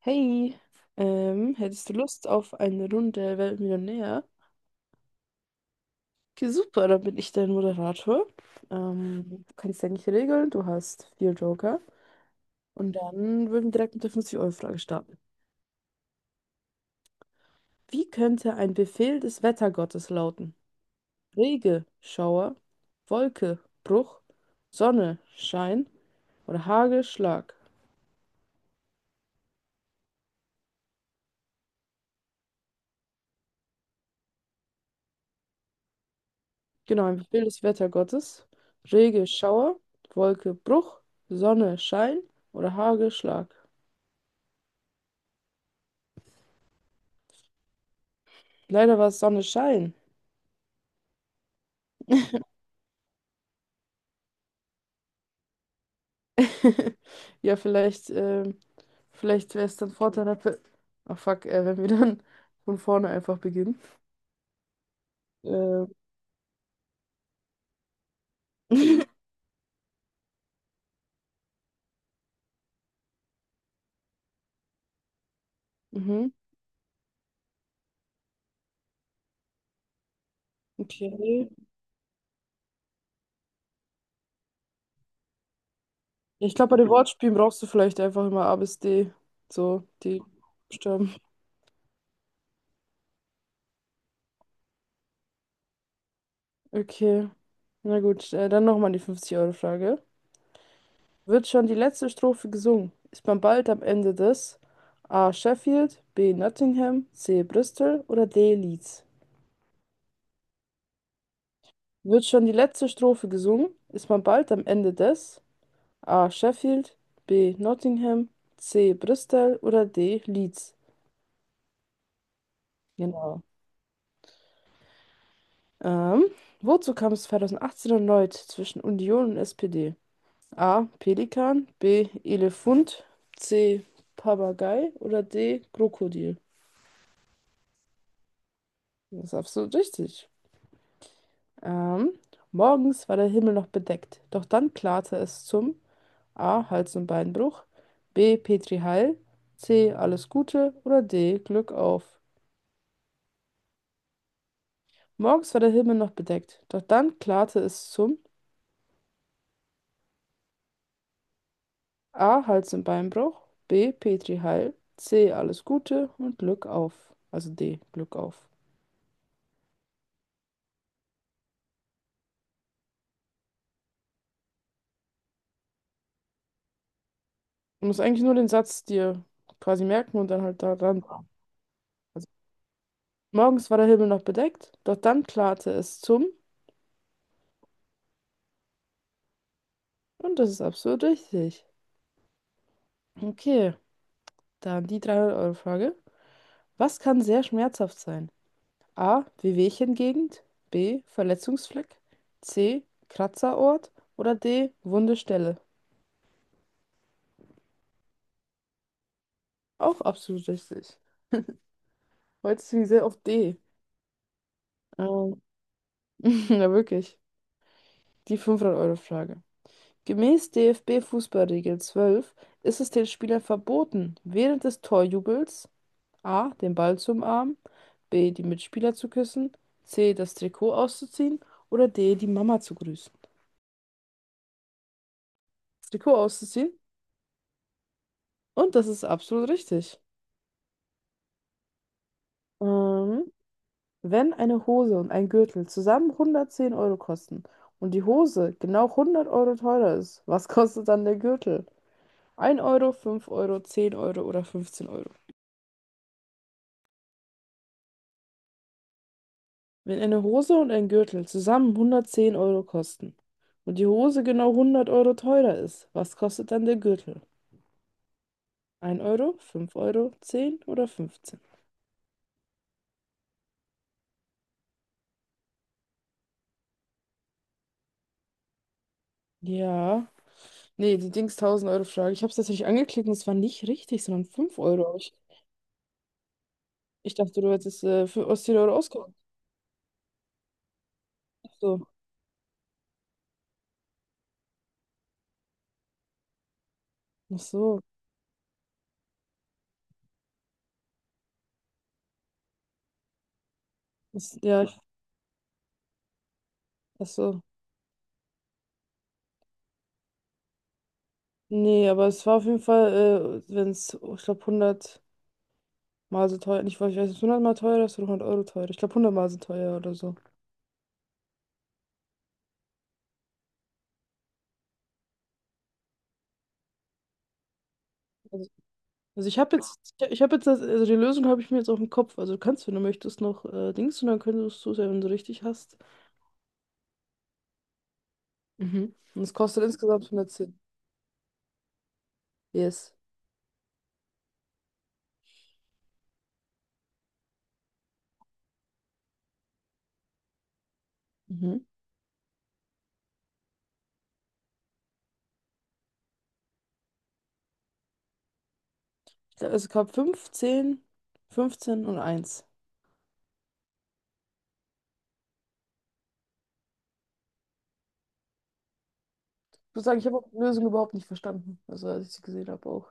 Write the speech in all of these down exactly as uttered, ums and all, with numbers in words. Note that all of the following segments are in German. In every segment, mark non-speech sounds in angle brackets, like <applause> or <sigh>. Hey, ähm, hättest du Lust auf eine Runde Wer wird Millionär? Okay, super, dann bin ich dein Moderator. Ähm, du kannst eigentlich nicht regeln, du hast vier Joker. Und dann würden wir direkt mit der fünfzig euro frage starten. Wie könnte ein Befehl des Wettergottes lauten? Regen, Schauer, Wolke, Bruch, Sonne, Schein oder Hagel, Schlag. Genau, ein Befehl des Wettergottes. Regen, Schauer, Wolke, Bruch, Sonne, Schein oder Hagel, Schlag. Leider war es Sonnenschein. <laughs> Ja, vielleicht, ähm, vielleicht wäre es dann vorteilhaft. Ach fuck, äh, wenn wir dann von vorne einfach beginnen. Äh, <laughs> mhm, okay. Ich glaube, bei den Wortspielen brauchst du vielleicht einfach immer A bis D. So, die Buchstaben. Okay. Na gut, äh, dann nochmal die fünfzig-Euro-Frage. Wird schon die letzte Strophe gesungen? Ist man bald am Ende des A. Sheffield, B. Nottingham, C. Bristol oder D. Leeds? Wird schon die letzte Strophe gesungen, ist man bald am Ende des A. Sheffield, B. Nottingham, C. Bristol oder D. Leeds? Genau. Ähm, wozu kam es zweitausendachtzehn erneut zwischen Union und es pe de? A. Pelikan, B. Elefant, C. Papagei oder D. Krokodil. Das ist absolut richtig. Ähm, morgens war der Himmel noch bedeckt, doch dann klarte es zum A. Hals- und Beinbruch. B. Petri Heil. C. Alles Gute. Oder D. Glück auf. Morgens war der Himmel noch bedeckt, doch dann klarte es zum A. Hals- und Beinbruch. B. Petri Heil. C. Alles Gute und Glück auf. Also D. Glück auf. Du musst eigentlich nur den Satz dir quasi merken und dann halt daran. Also, morgens war der Himmel noch bedeckt, doch dann klarte es zum. Und das ist absolut richtig. Okay, dann die dreihundert euro frage. Was kann sehr schmerzhaft sein? A. Wehwehchengegend. B. Verletzungsfleck. C. Kratzerort. Oder D. Wunde Stelle. Auch absolut richtig. Heute sind wir sehr auf D. Ähm, <laughs> ja, wirklich. Die fünfhundert-Euro-Frage. Gemäß de ef be-Fußballregel zwölf ist es den Spielern verboten, während des Torjubels A. den Ball zu umarmen, B. die Mitspieler zu küssen, C. das Trikot auszuziehen oder D. die Mama zu grüßen. Das Trikot auszuziehen? Und das ist absolut richtig. Ähm, Wenn eine Hose und ein Gürtel zusammen hundertzehn Euro kosten und die Hose genau hundert Euro teurer ist, was kostet dann der Gürtel? Ein Euro, fünf Euro, zehn Euro oder fünfzehn Euro. Wenn eine Hose und ein Gürtel zusammen hundertzehn Euro kosten und die Hose genau hundert Euro teurer ist, was kostet dann der Gürtel? Ein Euro, fünf Euro, zehn oder fünfzehn? Ja. Nee, die Dings tausend-Euro-Frage. Ich habe es tatsächlich angeklickt und es war nicht richtig, sondern fünf Euro. Aber Ich, ich dachte, du hättest äh, für Ostseele Euro ausgehoben. Ach so, ist, ja, ich, ach so. Nee, aber es war auf jeden Fall, äh, wenn es, ich glaube, hundert Mal so teuer, nicht, weil ich weiß, nicht, hundert Mal teurer ist oder hundert Euro teurer. Ich glaube, hundert Mal so teuer oder so. Also, also ich habe jetzt, ich, habe jetzt, das, also die Lösung habe ich mir jetzt auf dem Kopf. Also du kannst, wenn du möchtest, noch äh, Dings und dann könntest du es ja, wenn du richtig hast. Mhm. Und es kostet insgesamt hundertzehn. Yes. Mhm. Ja, also Ich Es gab fünf, zehn, fünfzehn und eins. Ich muss sagen, ich habe auch die Lösung überhaupt nicht verstanden. Also als ich sie gesehen habe auch.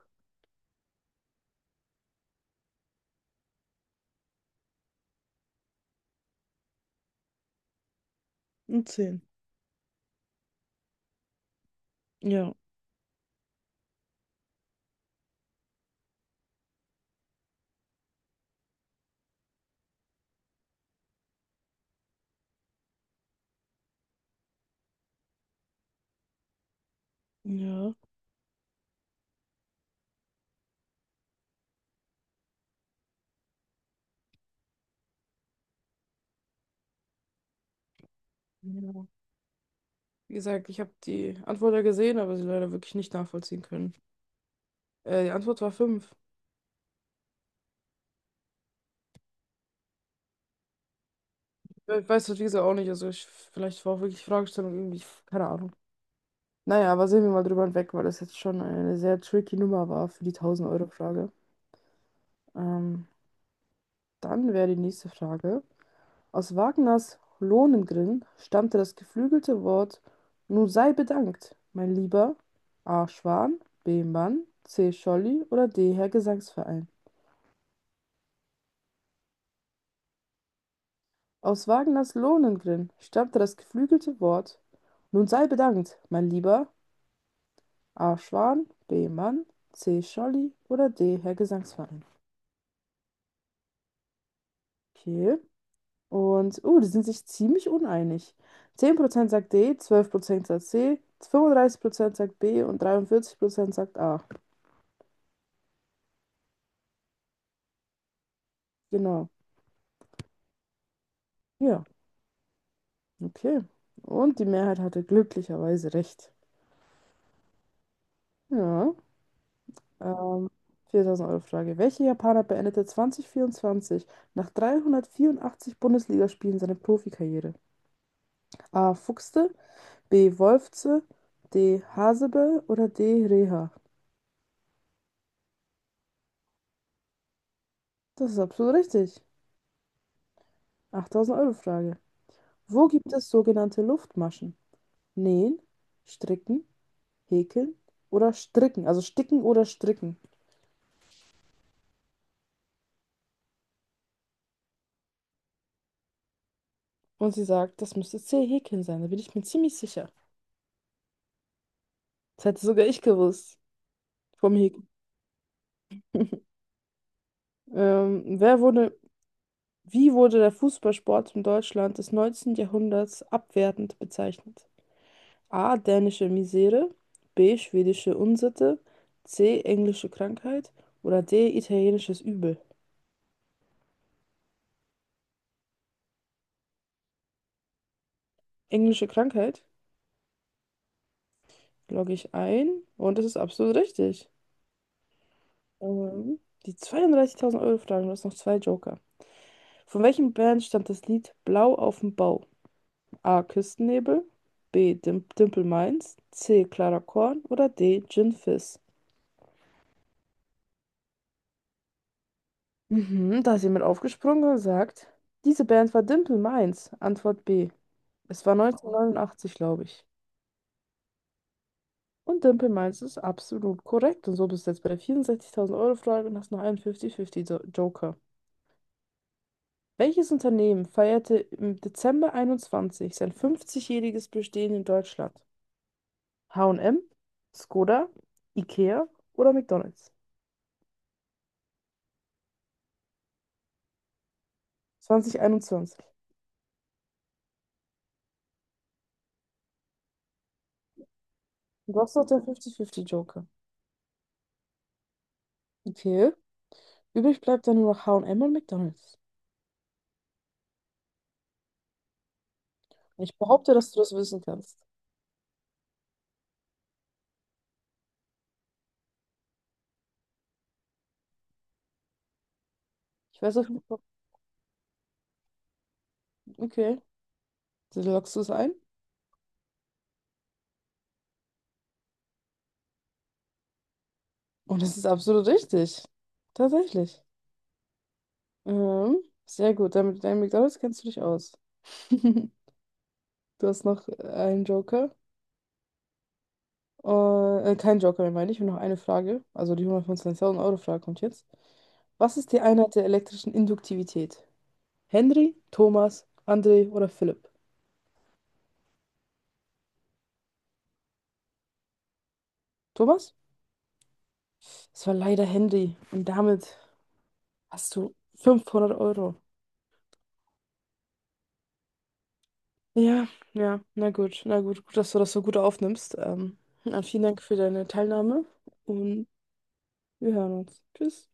Und zehn. Ja. Ja. Ja. Wie gesagt, ich habe die Antwort ja gesehen, aber sie leider wirklich nicht nachvollziehen können. Äh, die Antwort war fünf. Ich weiß das, wie gesagt, auch nicht. Also ich, vielleicht war auch wirklich Fragestellung irgendwie, keine Ahnung. Naja, aber sehen wir mal drüber hinweg, weil das jetzt schon eine sehr tricky Nummer war für die tausend euro frage. Ähm, dann wäre die nächste Frage. Aus Wagners Lohengrin stammte das geflügelte Wort: Nun sei bedankt, mein Lieber. A. Schwan, B. Mann, C. Scholli oder D. Herr Gesangsverein. Aus Wagners Lohengrin stammte das geflügelte Wort: Nun sei bedankt, mein Lieber, A. Schwan, B. Mann, C. Scholli oder D. Herr Gesangsverein. Okay. Und, uh, die sind sich ziemlich uneinig. Zehn Prozent sagt D, zwölf Prozent sagt C, fünfunddreißig Prozent sagt B und dreiundvierzig Prozent sagt A. Genau. Ja, okay. Und die Mehrheit hatte glücklicherweise recht. Ja. Ähm, viertausend-Euro Frage. Welcher Japaner beendete zweitausendvierundzwanzig nach dreihundertvierundachtzig Bundesligaspielen seine Profikarriere? A. Fuchste, B. Wolfze, D. Hasebe oder D. Reha? Das ist absolut richtig. achttausend-Euro Frage. Wo gibt es sogenannte Luftmaschen? Nähen, Stricken, Häkeln oder Stricken? Also Sticken oder Stricken. Und sie sagt, das müsste C. Häkeln sein. Da bin ich mir ziemlich sicher. Das hätte sogar ich gewusst. Vom Häkeln. Ähm, wer wurde Wie wurde der Fußballsport in Deutschland des neunzehnten. Jahrhunderts abwertend bezeichnet? A. Dänische Misere, B. Schwedische Unsitte, C. Englische Krankheit oder D. Italienisches Übel. Englische Krankheit logge ich ein und das ist absolut richtig. Ähm, die zweiunddreißigtausend Euro Frage, du hast noch zwei Joker. Von welchem Band stammt das Lied Blau auf dem Bau? A. Küstennebel, B. Dim Dimple Minds, C. Clara Korn oder D. Gin Fizz. Mhm, da ist jemand aufgesprungen und sagt, diese Band war Dimple Minds. Antwort B. Es war neunzehnhundertneunundachtzig, glaube ich. Und Dimple Minds ist absolut korrekt. Und so bist du jetzt bei der vierundsechzigtausend Euro Frage und hast noch einen fünfzig fünfzig Jo- Joker. Welches Unternehmen feierte im Dezember einundzwanzig sein fünfzig-jähriges Bestehen in Deutschland? ha und em, Skoda, Ikea oder McDonald's? zweitausendeinundzwanzig. Du hast noch den fünfzig fünfzig Joker. Okay. Übrig bleibt dann nur noch ha und em und M und McDonald's. Ich behaupte, dass du das wissen kannst. Ich weiß auch nicht, ob- okay. Du loggst es ein. Und es ist absolut richtig. Tatsächlich. Ähm, sehr gut. Damit mit deinem McDonald's kennst du dich aus. <laughs> Du hast noch einen Joker. Äh, äh, kein Joker mehr, meine ich. Und noch eine Frage. Also die hundertfünfundzwanzigtausend-Euro-Frage kommt jetzt. Was ist die Einheit der elektrischen Induktivität? Henry, Thomas, André oder Philipp? Thomas? Es war leider Henry. Und damit hast du fünfhundert Euro. Ja, ja, na gut, na gut, gut, dass du das so gut aufnimmst. Ähm, na, vielen Dank für deine Teilnahme und wir hören uns. Tschüss.